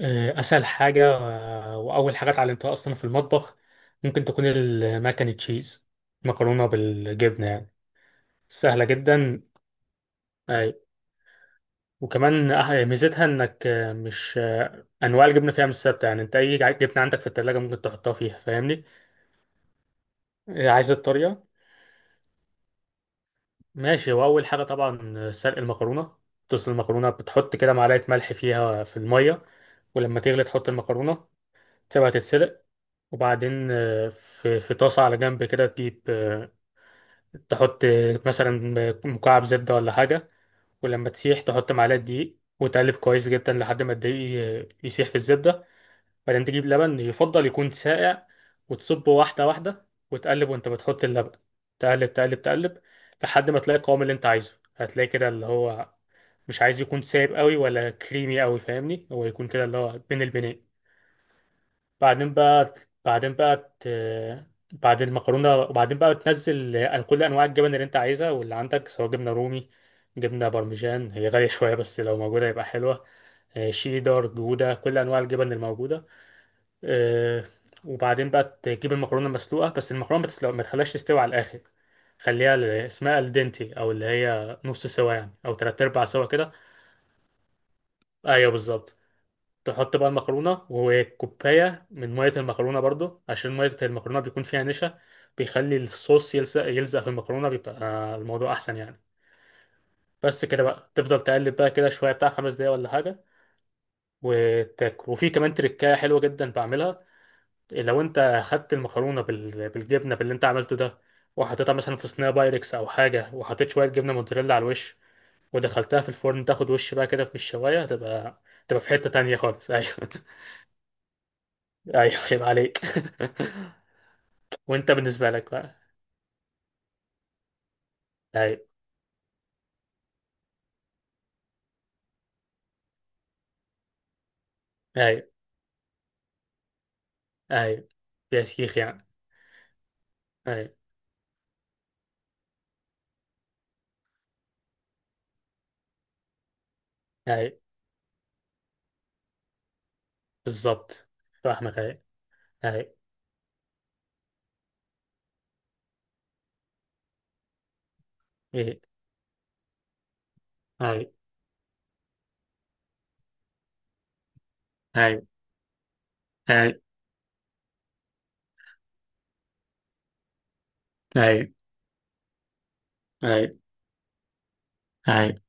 اسهل حاجه، واول حاجه اتعلمتها اصلا في المطبخ. ممكن تكون الماكن تشيز، مكرونه بالجبنه يعني. سهله جدا. اي. وكمان ميزتها انك آه، مش آه، انواع الجبنه فيها مش ثابته، يعني انت اي جبنه عندك في التلاجة ممكن تحطها فيها، فاهمني؟ عايز الطريقه؟ ماشي. واول حاجه طبعا سلق المكرونه. تسلق المكرونه، بتحط كده معلقه ملح فيها في الميه. ولما تغلي تحط المكرونه، تسيبها تتسلق. وبعدين في طاسه على جنب كده تجيب، تحط مثلا مكعب زبدة ولا حاجة. ولما تسيح تحط معلقة دقيق وتقلب كويس جدا لحد ما الدقيق يسيح في الزبدة. بعدين تجيب لبن، يفضل يكون ساقع. وتصبه واحدة واحدة وتقلب وانت بتحط اللبن. تقلب، تقلب، تقلب، لحد ما تلاقي القوام اللي انت عايزه. هتلاقي كده اللي هو مش عايز يكون سايب قوي ولا كريمي قوي، فاهمني؟ هو يكون كده اللي هو بين البنين. بعدين بقى بعدين بقى ت... بعد المكرونة، وبعدين بقى تنزل كل أنواع الجبن اللي أنت عايزها واللي عندك، سواء جبنة رومي، جبنة بارميجان - هي غالية شوية بس لو موجودة يبقى حلوة. شيدر، جودة، كل أنواع الجبن الموجودة. آه، وبعدين بقى تجيب المكرونة مسلوقة، بس المكرونة ما تخليهاش تستوي على الآخر. خليها اسمها الدنتي، أو اللي هي نص سوا يعني أو تلات أرباع سوا كده. أيوه، بالظبط. تحط بقى المكرونة وكوباية من مية المكرونة برضو، عشان مية المكرونة بيكون فيها نشا. بيخلي الصوص يلزق يلزق في المكرونة، بيبقى الموضوع أحسن يعني. بس كده بقى تفضل تقلب بقى كده شوية، بتاع 5 دقايق ولا حاجة. وتاكل. وفي كمان تركاية حلوة جدا بعملها. لو أنت خدت المكرونة بالجبنة باللي أنت عملته ده، وحطيتها مثلا في صينية بايركس أو حاجة، وحطيت شوية جبنة موتزاريلا على الوش، ودخلتها في الفرن تاخد وش بقى كده في الشواية. هتبقى تبقى في حتة تانية خالص. أيوه. ايوه، يبقى عليك. وانت بالنسبه لك بقى؟ ايوه. ايوه. ايوه. يا شيخ يعني. ايوه. ايوه. بالظبط. فاهمك، ايوه. ايوه. ايه. ايوه. ايوه. ايوه. ايوه. ايوه.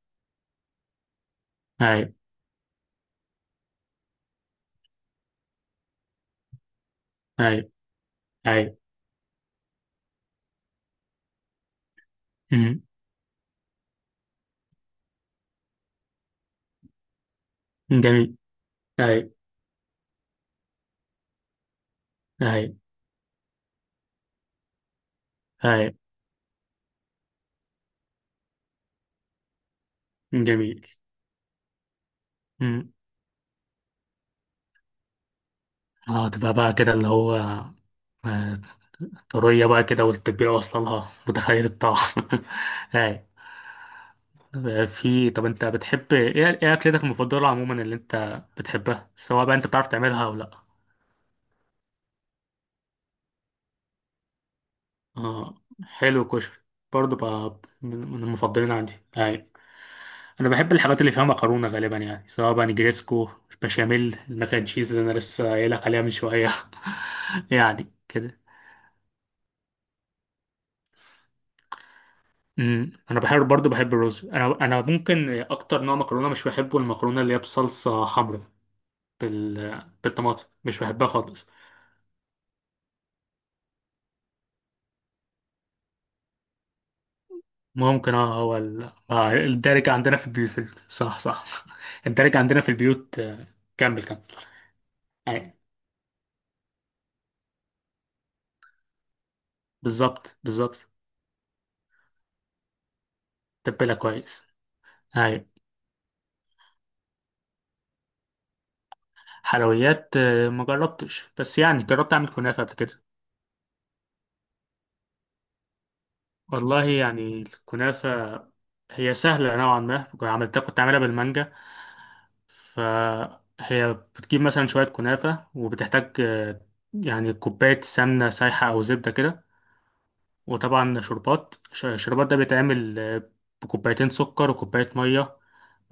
ايوه. ايوه. ايوه. ايوه. أمم، جميل. ايوه. ايوه. ايوه، جميل. أمم. اه، تبقى بقى كده اللي هو آه، طرية بقى كده، والتتبيلة واصلة لها، متخيل الطعم. ايوه. آه، في طب انت بتحب ايه؟ ايه اكلتك المفضله عموما اللي انت بتحبها، سواء بقى انت بتعرف تعملها او لا؟ اه، حلو، كشري. برضه بقى من المفضلين عندي يعني. انا بحب الحاجات اللي فيها مكرونه غالبا يعني، سواء بقى نجريسكو، بشاميل، الماك اند تشيز اللي انا لسه قايلك عليها من شويه. يعني كده. انا بحب برضه الرز. انا ممكن اكتر نوع مكرونه مش بحبه المكرونه اللي هي بصلصه حمراء، بالطماطم، مش بحبها خالص. ممكن. اه هو ال... آه الدارج عندنا في البيوت صح، صح. الدارج عندنا في البيوت. كمل، كمل. اي، بالظبط، بالظبط. تبلها كويس. اي. حلويات؟ ما جربتش، بس يعني جربت اعمل كنافه قبل كده. والله يعني الكنافه هي سهله نوعا ما. كنت عملتها، كنت عاملها بالمانجا. فهي بتجيب مثلا شويه كنافه، وبتحتاج يعني كوبايه سمنه سايحه او زبده كده. وطبعا شربات، شربات ده بيتعمل بكوبايتين سكر وكوباية مية،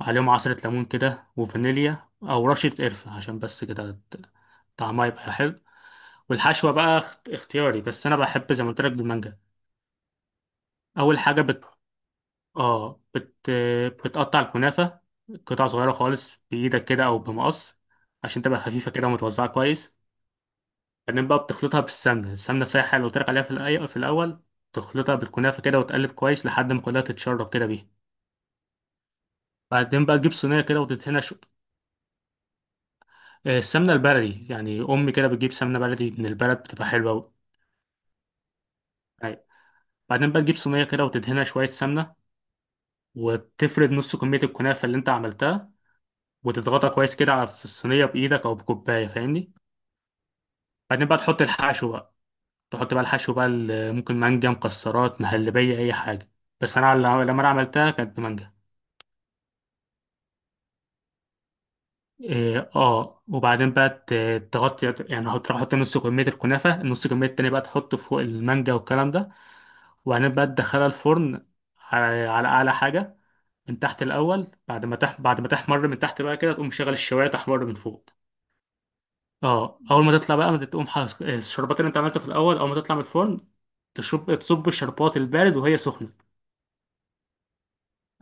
عليهم عصرة ليمون كده وفانيليا أو رشة قرفة، عشان بس كده طعمها يبقى حلو. والحشوة بقى اختياري، بس أنا بحب زي ما قلت لك بالمانجا. أول حاجة بت... آه بت... آه، بتقطع الكنافة قطع صغيرة خالص بإيدك كده أو بمقص، عشان تبقى خفيفة كده ومتوزعة كويس. بعدين بقى بتخلطها بالسمنة، السمنة السايحة اللي قلت لك عليها في الأول. تخلطها بالكنافة كده وتقلب كويس لحد ما كلها تتشرب كده بيها. بعدين بقى تجيب صينية كده وتدهنها السمنة البلدي يعني، أمي كده بتجيب سمنة بلدي من البلد، بتبقى حلوة أوي. أيوة. بعدين بقى تجيب صينية كده وتدهنها شوية سمنة، وتفرد نص كمية الكنافة اللي أنت عملتها، وتضغطها كويس كده في الصينية بإيدك أو بكوباية، فاهمني؟ بعدين بقى تحط الحشو بقى. تحط بقى الحشو بقى ال- ممكن مانجا، مكسرات، مهلبية، أي حاجة. بس أنا لما أنا عملتها كانت بمانجا. إيه، اه. وبعدين بقى تغطي يعني، هتروح تحط نص كمية الكنافة، النص كمية التانية بقى تحطه فوق المانجا والكلام ده. وبعدين بقى تدخلها الفرن على أعلى حاجة، من تحت الأول. بعد ما بعد ما تحمر من تحت بقى كده تقوم شغل الشواية تحمر من فوق. اه. أول ما تطلع بقى ما تقوم حس... الشربات اللي أنت عملته في الأول، أول ما تطلع من الفرن تصب الشربات البارد وهي سخنة.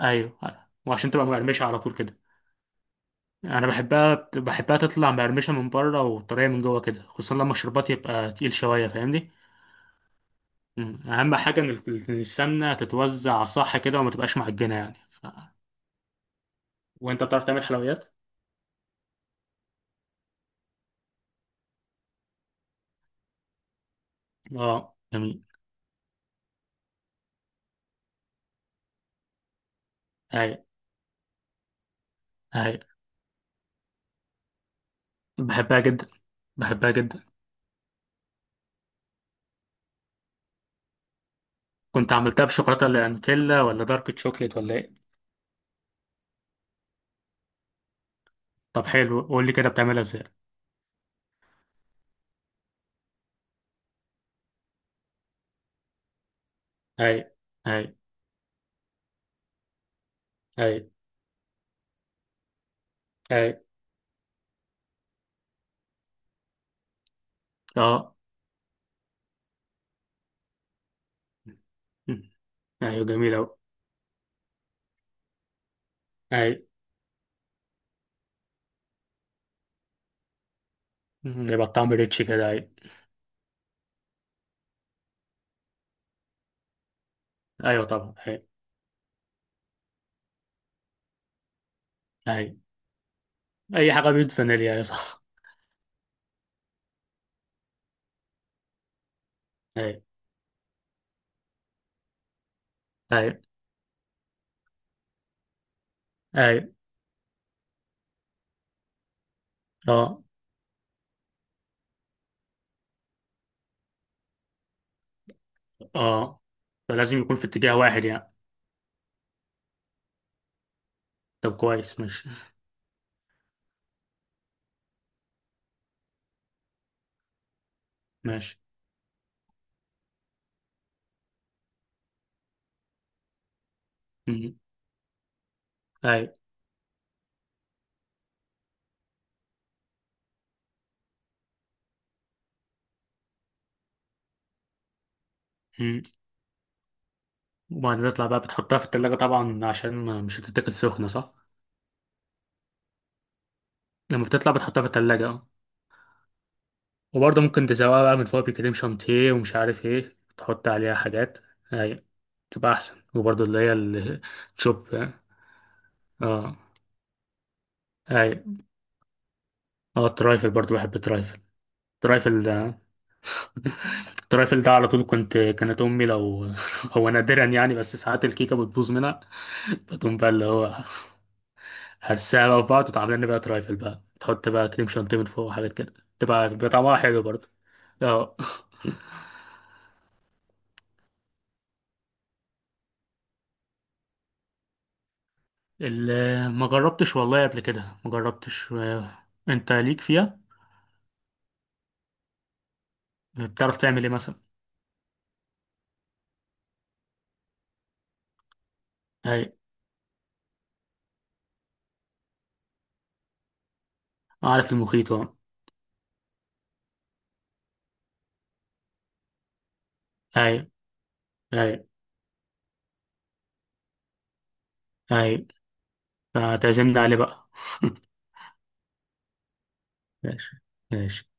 أيوه. وعشان تبقى مقرمشة على طول كده. انا بحبها تطلع مقرمشه من بره وطريه من جوه كده، خصوصا لما الشربات يبقى تقيل شويه، فاهمني؟ مم. اهم حاجه إن السمنه تتوزع صح كده وما تبقاش معجنه يعني وانت بتعرف تعمل حلويات؟ اه، جميل. هاي. هاي. بحبها جدا، بحبها جدا. كنت عملتها بشوكولاته، اللي نوتيلا ولا دارك تشوكليت ولا ايه؟ طب حلو، قول لي كده بتعملها ازاي. هاي. هاي. هاي. هاي. اه. مم. ايوه، جميل اوي. هاي. مم. يبقى الطعم ريتش كده. هاي. ايوه طبعا. هاي. اي. اي حاجه بيدفن ليها، صح. اي. اي. اي. اه. اه. فلازم يكون في اتجاه واحد يعني. طب كويس، ماشي. ماشي. مم. اي. مم. وبعدين تطلع بقى بتحطها في التلاجة طبعا، عشان ما مش هتتاكل سخنة، صح؟ لما بتطلع بتحطها في التلاجة، اه. وبرضه ممكن تسويها بقى من فوق بكريم شانتيه ومش عارف ايه، تحط عليها حاجات. اي. تبقى احسن. وبرضه اللي هي الشوب. اه. اي. اه. الترايفل برضه، بحب الترايفل. الترايفل. التريفل ده على طول. كانت امي لو هو نادرا يعني، بس ساعات الكيكه بتبوظ منها، فتقوم بقى اللي هو هرسها بقى في بعض وتعمل لنا بقى تريفل بقى، تحط بقى كريم شانتيه من فوق وحاجات كده، بيبقى طعمها حلو برضه. اه. ما جربتش والله قبل كده، ما جربتش. انت ليك فيها؟ بتعرف تعمل ايه مثلا؟ اي، اعرف المخيط، اه. اي. اي. اي. فتعزمنا عليه بقى. ماشي. ماشي.